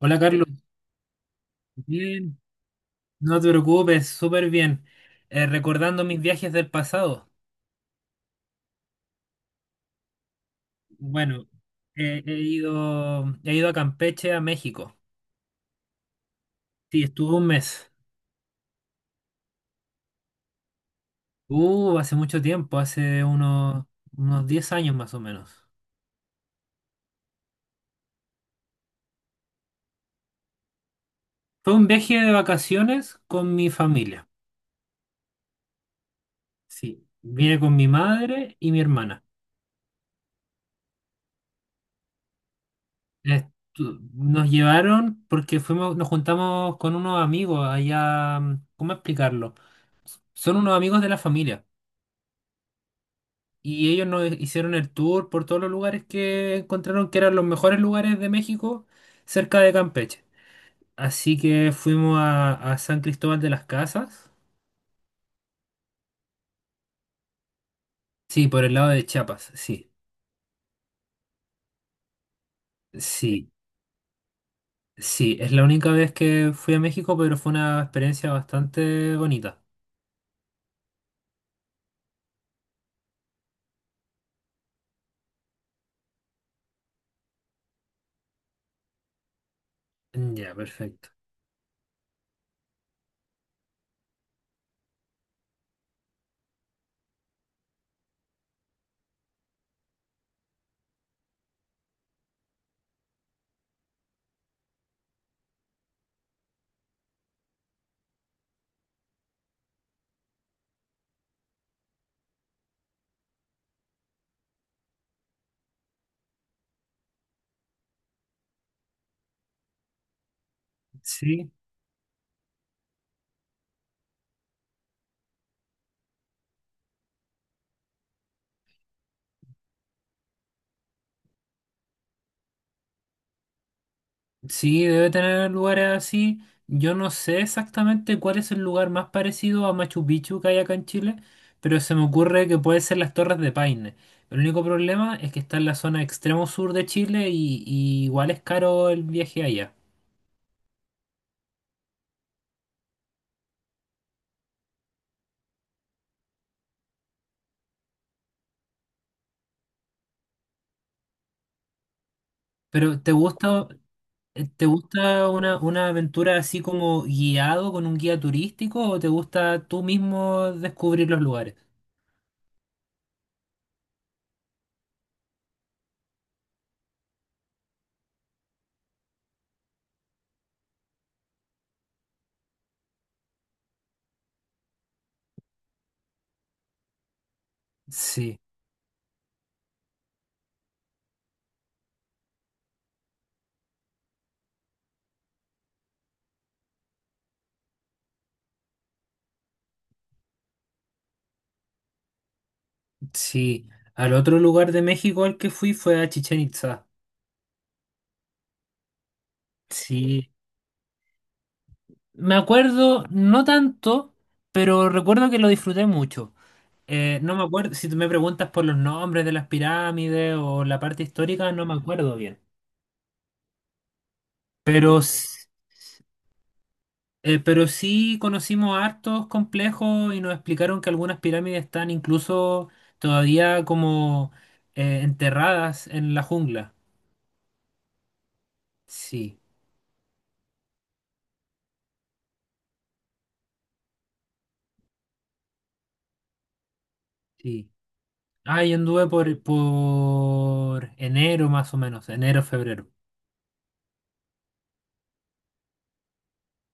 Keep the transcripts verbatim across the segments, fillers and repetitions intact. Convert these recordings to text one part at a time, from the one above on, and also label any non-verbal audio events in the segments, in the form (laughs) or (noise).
Hola Carlos, bien, no te preocupes, súper bien. Eh, recordando mis viajes del pasado. Bueno, eh, he ido, he ido a Campeche, a México. Sí, estuve un mes. Uh, hace mucho tiempo, hace unos, unos diez años más o menos. Fue un viaje de vacaciones con mi familia. Sí, vine con mi madre y mi hermana. Estu- Nos llevaron porque fuimos, nos juntamos con unos amigos allá, mm, ¿cómo explicarlo? Son unos amigos de la familia. Y ellos nos hicieron el tour por todos los lugares que encontraron que eran los mejores lugares de México cerca de Campeche. Así que fuimos a, a San Cristóbal de las Casas. Sí, por el lado de Chiapas, sí. Sí, sí. Es la única vez que fui a México, pero fue una experiencia bastante bonita. Ya, perfecto. Sí. Sí, debe tener lugares así. Yo no sé exactamente cuál es el lugar más parecido a Machu Picchu que hay acá en Chile, pero se me ocurre que puede ser las Torres de Paine. El único problema es que está en la zona extremo sur de Chile y, y igual es caro el viaje allá. Pero, ¿te gusta, eh, te gusta una, una aventura así como guiado con un guía turístico o te gusta tú mismo descubrir los lugares? Sí, sí. Al otro lugar de México al que fui fue a Chichén Itzá. Sí. Me acuerdo, no tanto, pero recuerdo que lo disfruté mucho. Eh, no me acuerdo, si tú me preguntas por los nombres de las pirámides o la parte histórica, no me acuerdo bien. Pero, s- eh, pero sí conocimos hartos complejos y nos explicaron que algunas pirámides están incluso todavía como eh, enterradas en la jungla. Sí, sí. Ah, yo anduve por, por enero más o menos, enero, febrero.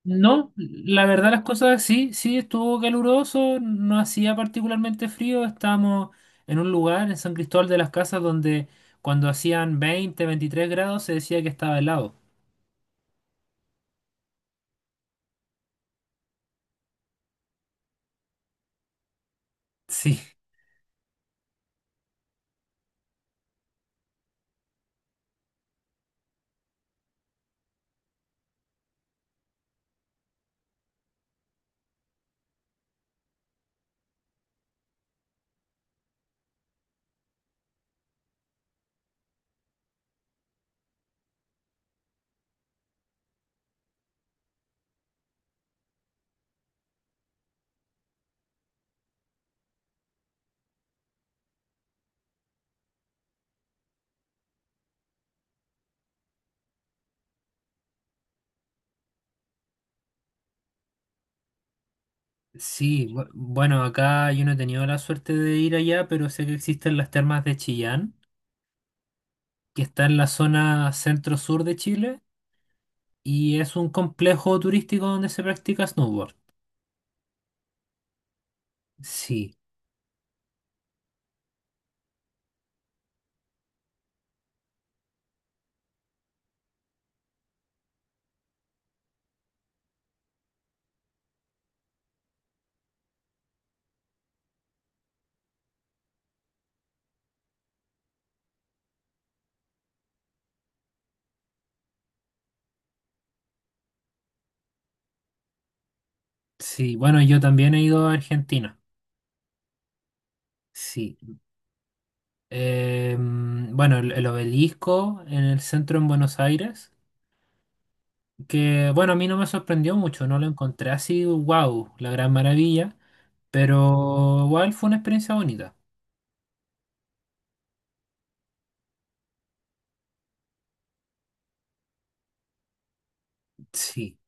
No, la verdad las cosas sí, sí estuvo caluroso, no hacía particularmente frío, estábamos en un lugar en San Cristóbal de las Casas donde cuando hacían veinte veintitrés grados se decía que estaba helado. Sí, sí, bu- bueno, acá yo no he tenido la suerte de ir allá, pero sé que existen las termas de Chillán, que está en la zona centro-sur de Chile y es un complejo turístico donde se practica snowboard. Sí, sí, bueno, yo también he ido a Argentina. Sí. Eh, mm, bueno, el, el obelisco en el centro en Buenos Aires, que bueno, a mí no me sorprendió mucho, no lo encontré así, wow, la gran maravilla, pero igual fue una experiencia bonita. Sí,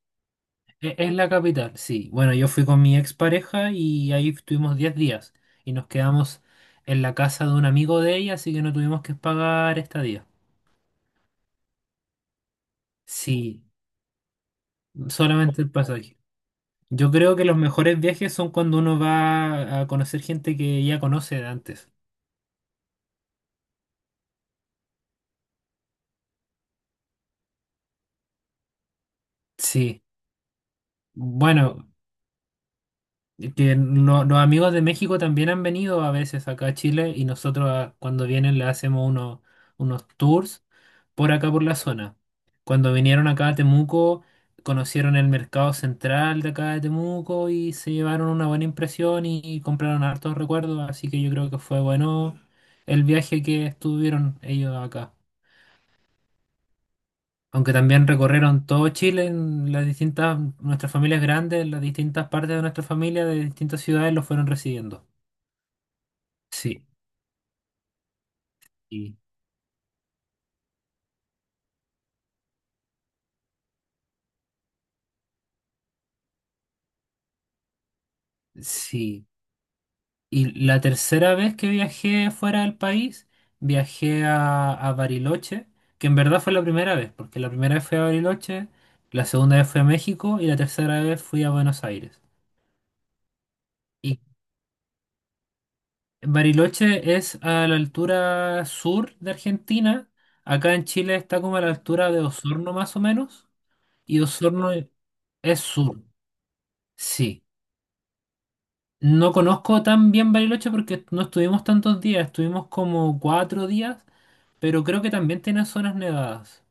e- es la capital, sí. Bueno, yo fui con mi expareja y ahí estuvimos diez días y nos quedamos en la casa de un amigo de ella, así que no tuvimos que pagar estadía. Sí, solamente el pasaje. Yo creo que los mejores viajes son cuando uno va a conocer gente que ya conoce de antes. Sí, bueno, que no- los amigos de México también han venido a veces acá a Chile y nosotros ah, cuando vienen le hacemos unos, unos tours por acá por la zona. Cuando vinieron acá a Temuco, conocieron el mercado central de acá de Temuco y se llevaron una buena impresión y, y compraron hartos recuerdos, así que yo creo que fue bueno el viaje que estuvieron ellos acá. Aunque también recorrieron todo Chile, en las distintas, nuestras familias grandes, las distintas partes de nuestra familia, de distintas ciudades, los fueron recibiendo. Sí, y sí. Y la tercera vez que viajé fuera del país, viajé a, a Bariloche, que en verdad fue la primera vez, porque la primera vez fui a Bariloche, la segunda vez fui a México y la tercera vez fui a Buenos Aires. Y Bariloche es a la altura sur de Argentina. Acá en Chile está como a la altura de Osorno más o menos. Y Osorno es sur, sí. No conozco tan bien Bariloche porque no estuvimos tantos días, estuvimos como cuatro días, pero creo que también tiene zonas nevadas.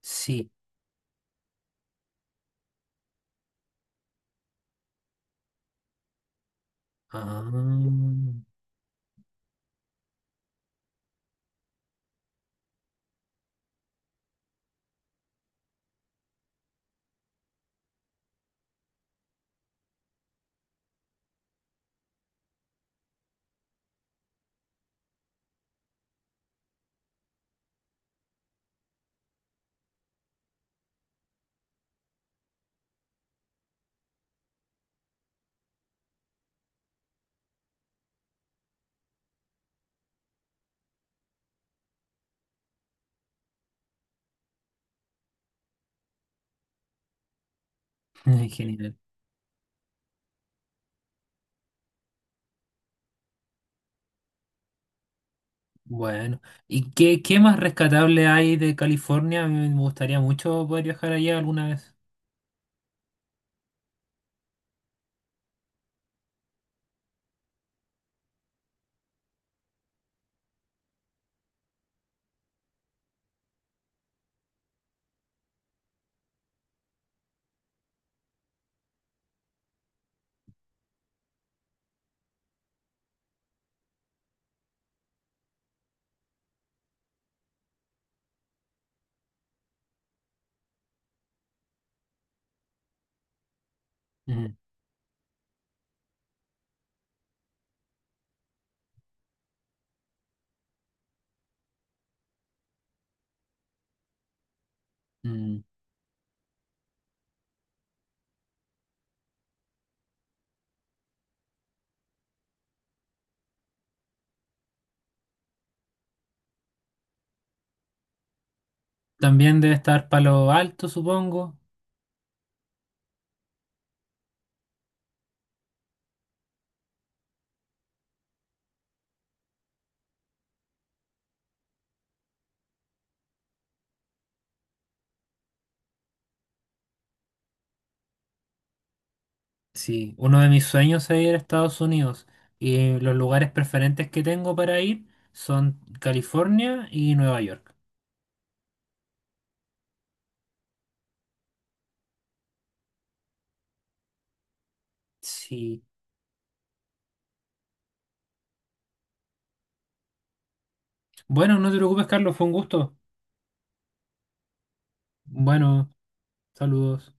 Sí. Ah, (laughs) genial. Bueno, ¿y qué, qué más rescatable hay de California? A mí me gustaría mucho poder viajar allá alguna vez. Mm, mm. También debe estar Palo Alto, supongo. Sí, uno de mis sueños es ir a Estados Unidos y los lugares preferentes que tengo para ir son California y Nueva York. Sí. Bueno, no te preocupes, Carlos, fue un gusto. Bueno, saludos.